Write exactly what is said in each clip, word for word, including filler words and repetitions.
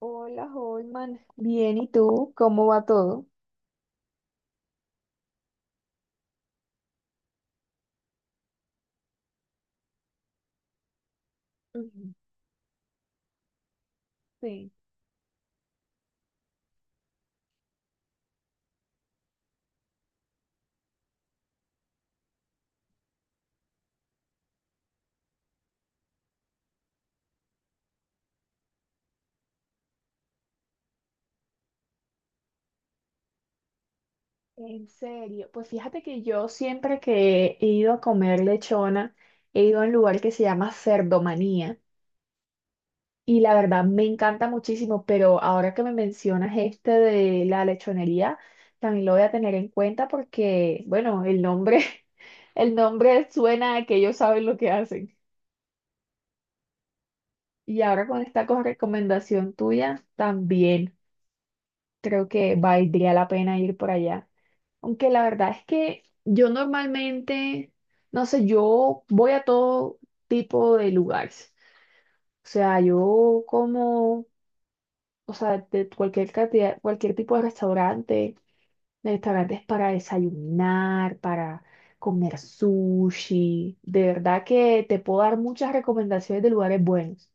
Hola, Holman. Bien, ¿y tú? ¿Cómo va todo? Ujú. Sí, en serio. Pues fíjate que yo siempre que he ido a comer lechona, he ido a un lugar que se llama Cerdomanía y la verdad me encanta muchísimo, pero ahora que me mencionas este de la lechonería, también lo voy a tener en cuenta porque, bueno, el nombre, el nombre suena a que ellos saben lo que hacen. Y ahora con esta co- recomendación tuya, también. Creo que valdría la pena ir por allá. Aunque la verdad es que yo normalmente, no sé, yo voy a todo tipo de lugares. O sea, yo como, o sea, de cualquier cantidad, cualquier tipo de restaurante, de restaurantes para desayunar, para comer sushi. De verdad que te puedo dar muchas recomendaciones de lugares buenos.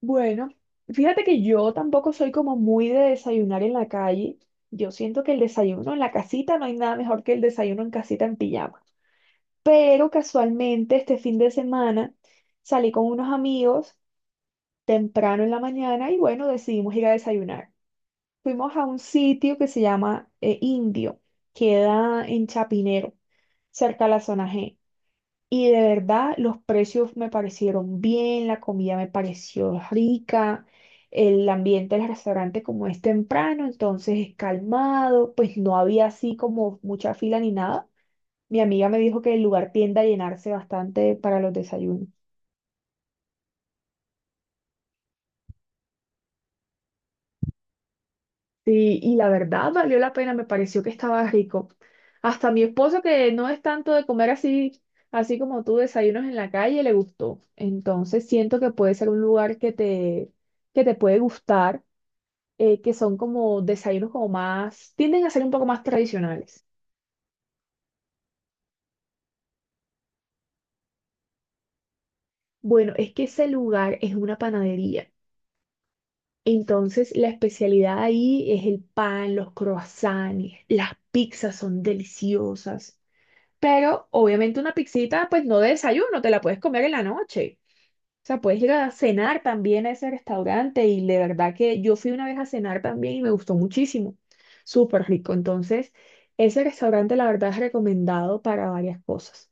Bueno, fíjate que yo tampoco soy como muy de desayunar en la calle. Yo siento que el desayuno en la casita no hay nada mejor que el desayuno en casita en pijama. Pero casualmente este fin de semana salí con unos amigos temprano en la mañana y bueno, decidimos ir a desayunar. Fuimos a un sitio que se llama eh, Indio, queda en Chapinero, cerca a la zona G. Y de verdad, los precios me parecieron bien, la comida me pareció rica, el ambiente del restaurante como es temprano, entonces es calmado, pues no había así como mucha fila ni nada. Mi amiga me dijo que el lugar tiende a llenarse bastante para los desayunos. Sí, y la verdad valió la pena, me pareció que estaba rico. Hasta mi esposo, que no es tanto de comer así, así como tú, desayunos en la calle, le gustó. Entonces siento que puede ser un lugar que te, que te puede gustar eh, que son como desayunos como más, tienden a ser un poco más tradicionales. Bueno, es que ese lugar es una panadería. Entonces, la especialidad ahí es el pan, los croissants, las pizzas son deliciosas. Pero obviamente una pizzita, pues no de desayuno, te la puedes comer en la noche. O sea, puedes ir a cenar también a ese restaurante y de verdad que yo fui una vez a cenar también y me gustó muchísimo. Súper rico. Entonces, ese restaurante la verdad es recomendado para varias cosas.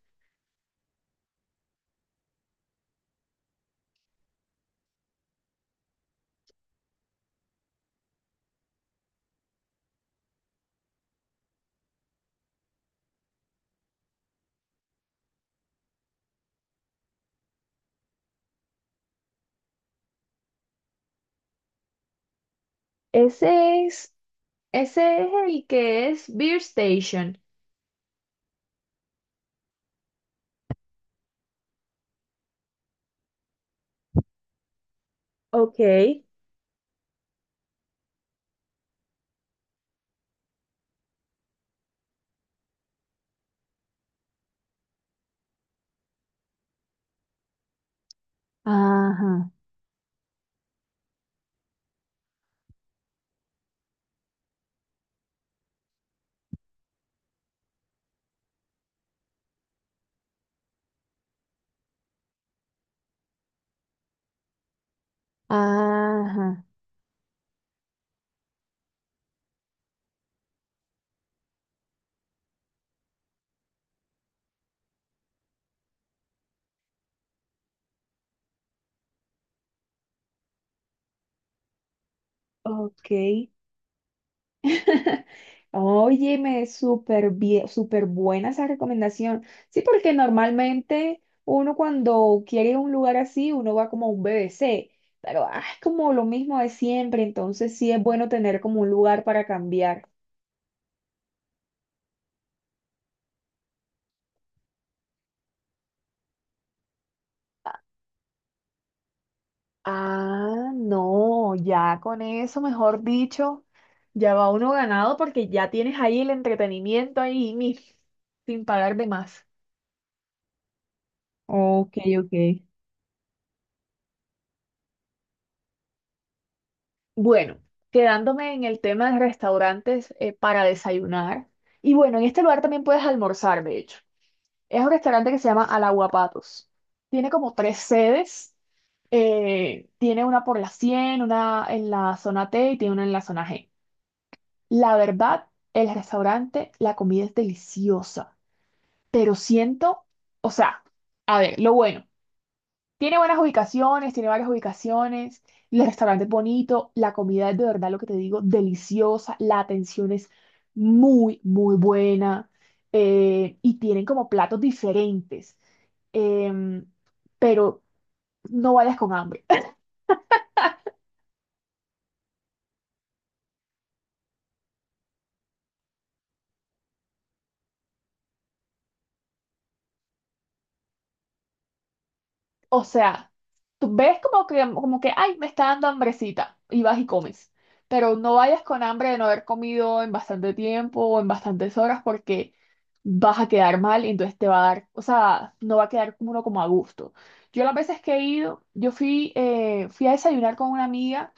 Ese es, ese es el que es Beer Station. Ok, ajá, ajá. Ok. Oye, me súper bien, súper buena esa recomendación. Sí, porque normalmente uno cuando quiere ir a un lugar así, uno va como a un B B C, pero ah, es como lo mismo de siempre, entonces sí es bueno tener como un lugar para cambiar. Ah, no, ya con eso, mejor dicho, ya va uno ganado porque ya tienes ahí el entretenimiento ahí mi- sin pagar de más. Ok, ok. Bueno, quedándome en el tema de restaurantes eh, para desayunar. Y bueno, en este lugar también puedes almorzar, de hecho. Es un restaurante que se llama Alaguapatos. Tiene como tres sedes. Eh, tiene una por la cien, una en la zona T y tiene una en la zona G. La verdad, el restaurante, la comida es deliciosa, pero siento, o sea, a ver, lo bueno, tiene buenas ubicaciones, tiene varias ubicaciones, el restaurante es bonito, la comida es de verdad lo que te digo, deliciosa, la atención es muy, muy buena eh, y tienen como platos diferentes, em, pero no vayas con hambre. O sea, tú ves como que, como que, ay, me está dando hambrecita y vas y comes. Pero no vayas con hambre de no haber comido en bastante tiempo o en bastantes horas porque vas a quedar mal y entonces te va a dar, o sea, no va a quedar como uno como a gusto. Yo las veces que he ido, yo fui, eh, fui a desayunar con una amiga,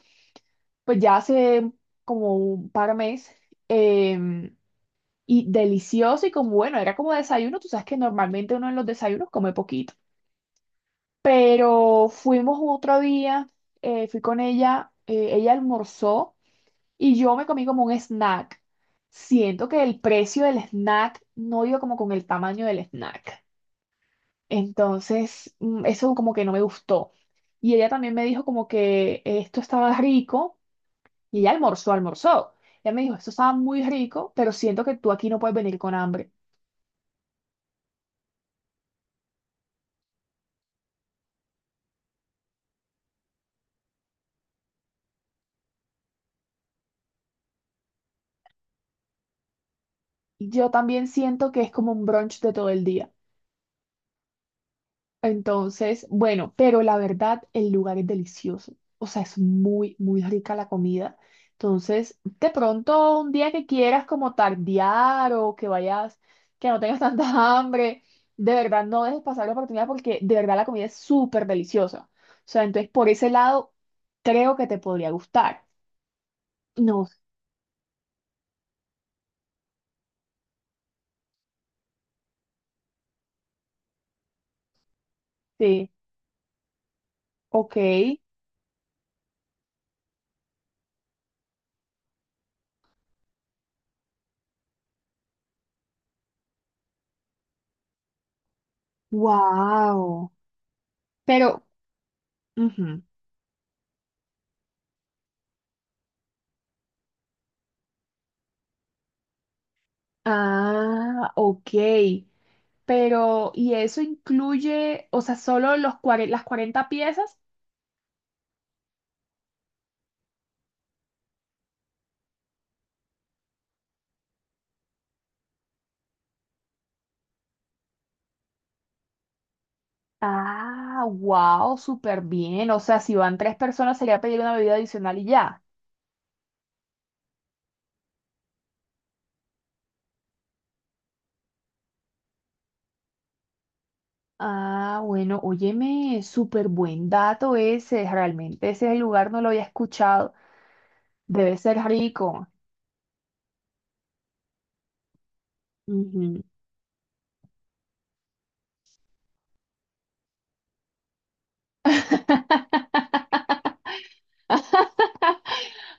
pues ya hace como un par de meses, em, y delicioso y como bueno, era como desayuno, tú sabes que normalmente uno en los desayunos come poquito. Pero fuimos otro día, eh, fui con ella, eh, ella almorzó y yo me comí como un snack. Siento que el precio del snack no iba como con el tamaño del snack. Entonces, mm, eso como que no me gustó. Y ella también me dijo como que esto estaba rico y ella almorzó, almorzó. Ella me dijo, esto estaba muy rico, pero siento que tú aquí no puedes venir con hambre. Yo también siento que es como un brunch de todo el día. Entonces, bueno, pero la verdad, el lugar es delicioso. O sea, es muy, muy rica la comida. Entonces, de pronto, un día que quieras como tardear o que vayas, que no tengas tanta hambre, de verdad no dejes pasar la oportunidad porque de verdad la comida es súper deliciosa. O sea, entonces por ese lado, creo que te podría gustar. No sé, ok, wow. Pero, ujú. Ah, ok. Pero, ¿y eso incluye, o sea, solo los cuare- las cuarenta piezas? Ah, wow, súper bien. O sea, si van tres personas sería pedir una bebida adicional y ya. Ah, bueno, óyeme, súper buen dato ese. Realmente ese es el lugar no lo había escuchado. Debe ser rico. Ujú.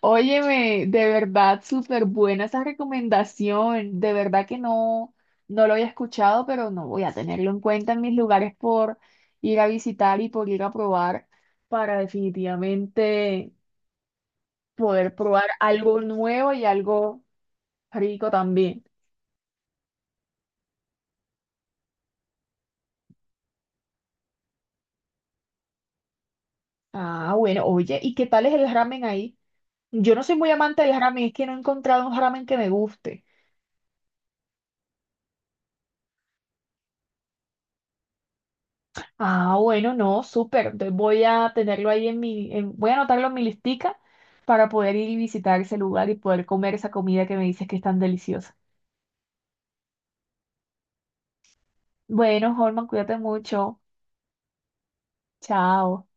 Óyeme, de verdad, súper buena esa recomendación. De verdad que no, no lo había escuchado, pero no voy a tenerlo en cuenta en mis lugares por ir a visitar y por ir a probar para definitivamente poder probar algo nuevo y algo rico también. Ah, bueno, oye, ¿y qué tal es el ramen ahí? Yo no soy muy amante del ramen, es que no he encontrado un ramen que me guste. Ah, bueno, no, súper. Entonces voy a tenerlo ahí en mi, en- voy a anotarlo en mi listica para poder ir y visitar ese lugar y poder comer esa comida que me dices que es tan deliciosa. Bueno, Holman, cuídate mucho. Chao.